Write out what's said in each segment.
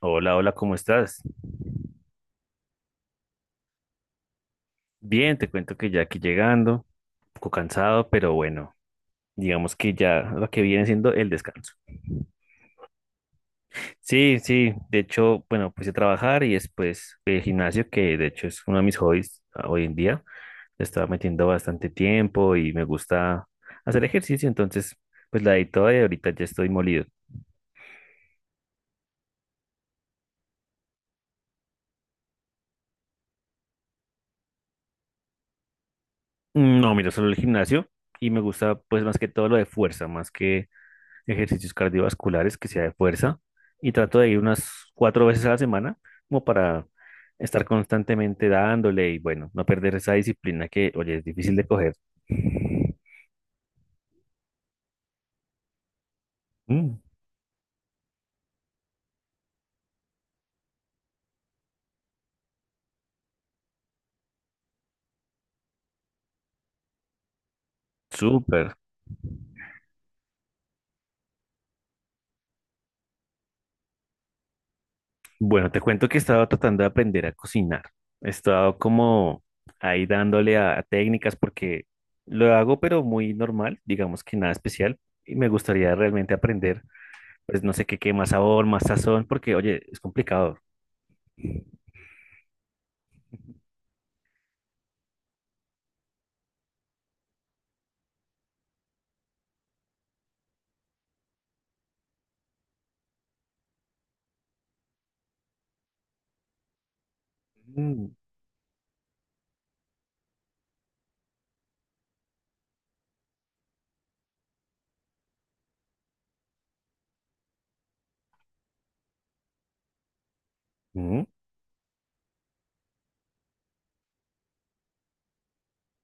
Hola, hola, ¿cómo estás? Bien, te cuento que ya aquí llegando, un poco cansado, pero bueno, digamos que ya lo que viene siendo el descanso. Sí, sí, de hecho, bueno, puse a trabajar y después el gimnasio, que de hecho es uno de mis hobbies hoy en día, le estaba metiendo bastante tiempo y me gusta hacer ejercicio, entonces pues la di toda y ahorita ya estoy molido. No, miro solo el gimnasio y me gusta pues más que todo lo de fuerza, más que ejercicios cardiovasculares que sea de fuerza y trato de ir unas cuatro veces a la semana como para estar constantemente dándole y bueno, no perder esa disciplina que, oye, es difícil de coger. Mm, súper. Bueno, te cuento que he estado tratando de aprender a cocinar. He estado como ahí dándole a técnicas porque lo hago pero muy normal, digamos que nada especial. Y me gustaría realmente aprender, pues no sé qué, qué más sabor, más sazón, porque oye, es complicado.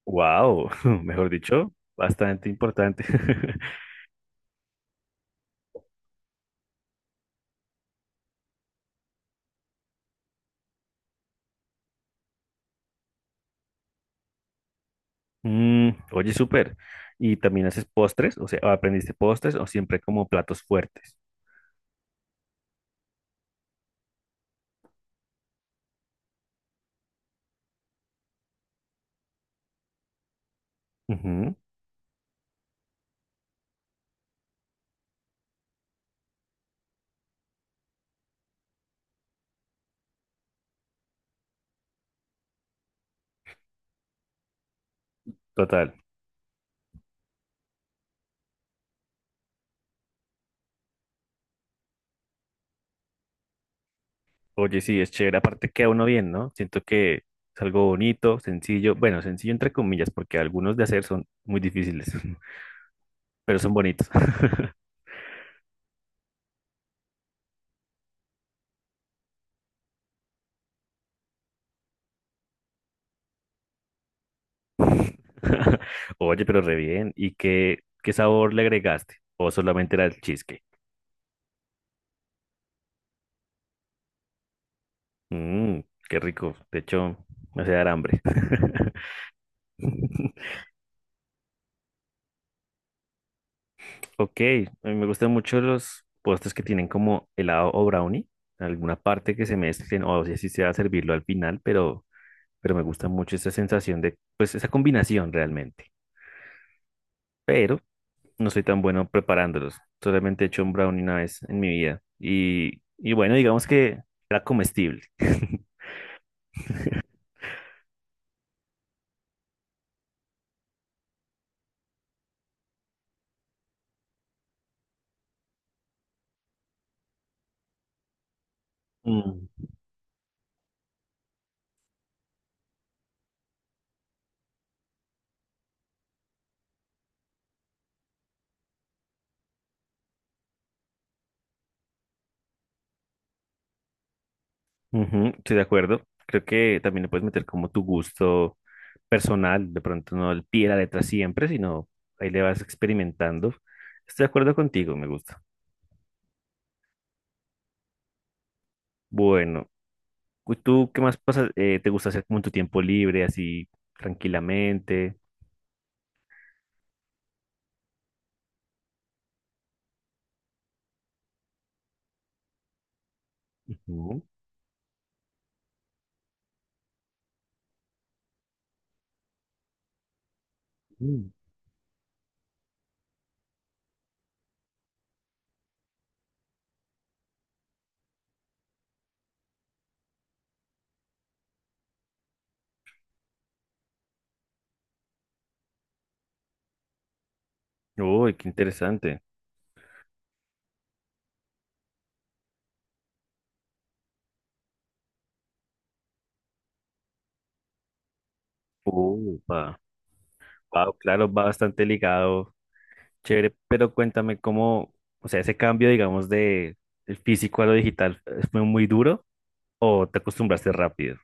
Wow, mejor dicho, bastante importante. Mm, oye, súper. ¿Y también haces postres? O sea, ¿aprendiste postres o siempre como platos fuertes? Ujú, total. Oye, sí, es chévere. Aparte queda uno bien, ¿no? Siento que es algo bonito, sencillo. Bueno, sencillo entre comillas, porque algunos de hacer son muy difíciles, pero son bonitos. Oye, pero re bien. ¿Y qué, qué sabor le agregaste? ¿O solamente era el cheesecake? Mmm, qué rico. De hecho, me hace dar hambre. Ok, a mí me gustan mucho los postres que tienen como helado o brownie. Alguna parte que se mezclen, o sea, si sea servirlo al final, pero me gusta mucho esa sensación de, pues, esa combinación realmente. Pero no soy tan bueno preparándolos. Solamente he hecho un brownie una vez en mi vida. Y bueno, digamos que era comestible. Mm. Ujú, estoy de acuerdo. Creo que también le puedes meter como tu gusto personal, de pronto no al pie de la letra siempre, sino ahí le vas experimentando. Estoy de acuerdo contigo, me gusta. Bueno, ¿tú qué más pasa, te gusta hacer como en tu tiempo libre, así tranquilamente? Ujú. Mm. Uy, qué interesante. Upa. Wow, claro, va bastante ligado, chévere, pero cuéntame cómo, o sea, ese cambio, digamos, de el físico a lo digital, ¿fue muy duro o te acostumbraste rápido?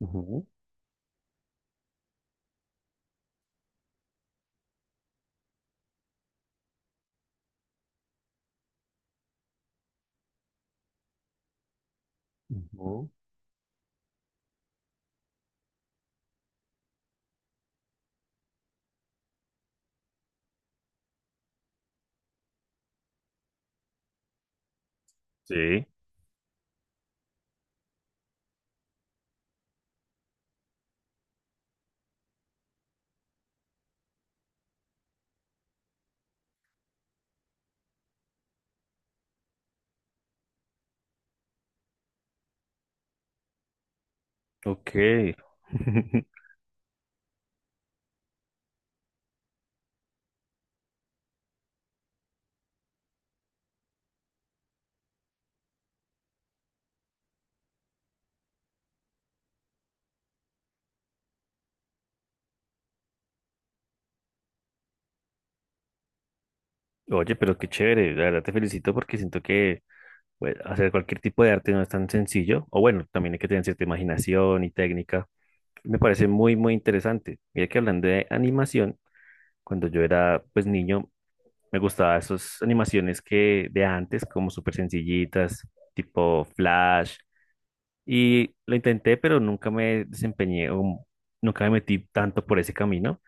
Ujú, ujú. Sí, ok. Oye, pero qué chévere, la verdad te felicito porque siento que pues, hacer cualquier tipo de arte no es tan sencillo, o bueno, también hay que tener cierta imaginación y técnica. Me parece muy, muy interesante. Mira que hablando de animación, cuando yo era pues niño, me gustaban esas animaciones que de antes, como súper sencillitas, tipo Flash. Y lo intenté, pero nunca me desempeñé, o nunca me metí tanto por ese camino.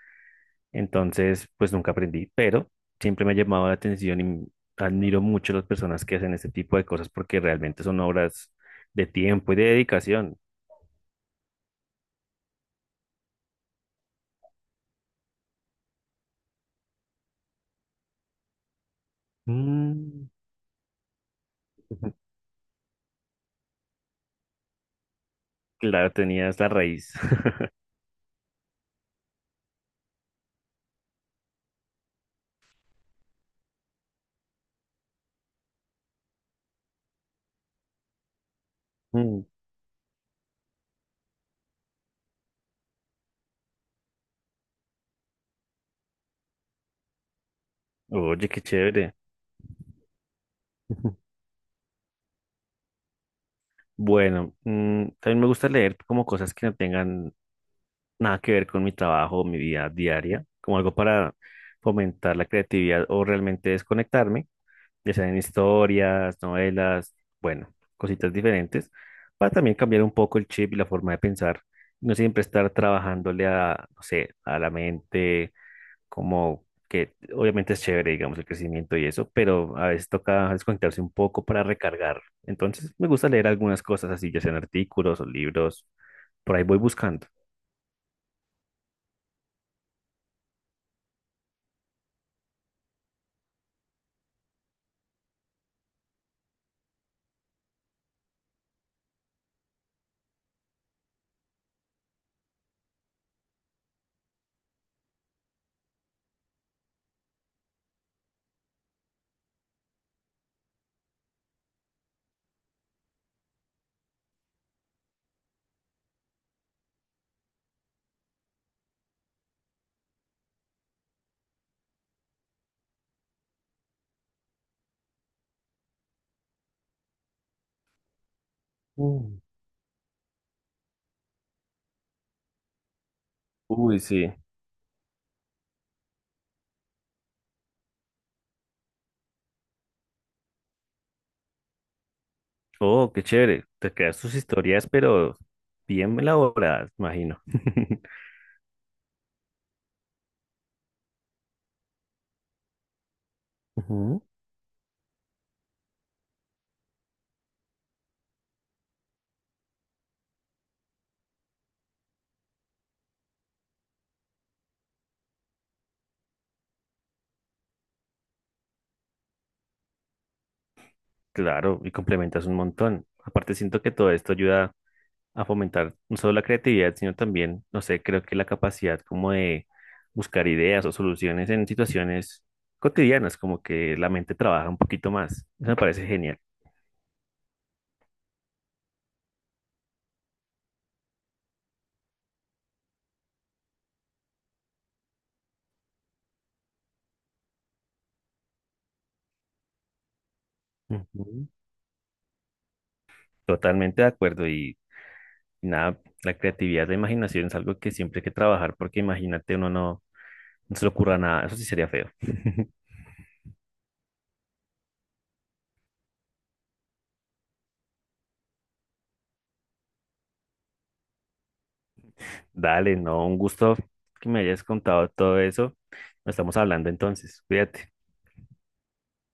Entonces, pues nunca aprendí, pero siempre me ha llamado la atención y admiro mucho a las personas que hacen este tipo de cosas porque realmente son obras de tiempo y de dedicación. Mm, claro, tenías la raíz. Mm, oye, qué chévere. Bueno, también me gusta leer como cosas que no tengan nada que ver con mi trabajo o mi vida diaria, como algo para fomentar la creatividad o realmente desconectarme, ya sean historias, novelas, bueno, cositas diferentes, para también cambiar un poco el chip y la forma de pensar, no siempre estar trabajándole a, no sé, a la mente como que obviamente es chévere, digamos, el crecimiento y eso, pero a veces toca desconectarse un poco para recargar. Entonces, me gusta leer algunas cosas así, ya sean artículos o libros, por ahí voy buscando. Mm. Uy, sí. Oh, qué chévere. Te creas tus historias, pero bien elaboradas, imagino. Ujú. Claro, y complementas un montón. Aparte, siento que todo esto ayuda a fomentar no solo la creatividad, sino también, no sé, creo que la capacidad como de buscar ideas o soluciones en situaciones cotidianas, como que la mente trabaja un poquito más. Eso me parece genial. Ujú. Totalmente de acuerdo y nada, la creatividad, la imaginación es algo que siempre hay que trabajar porque imagínate, uno no, no se le ocurra nada, eso sí sería feo. Dale, no, un gusto que me hayas contado todo eso. Nos estamos hablando entonces, cuídate.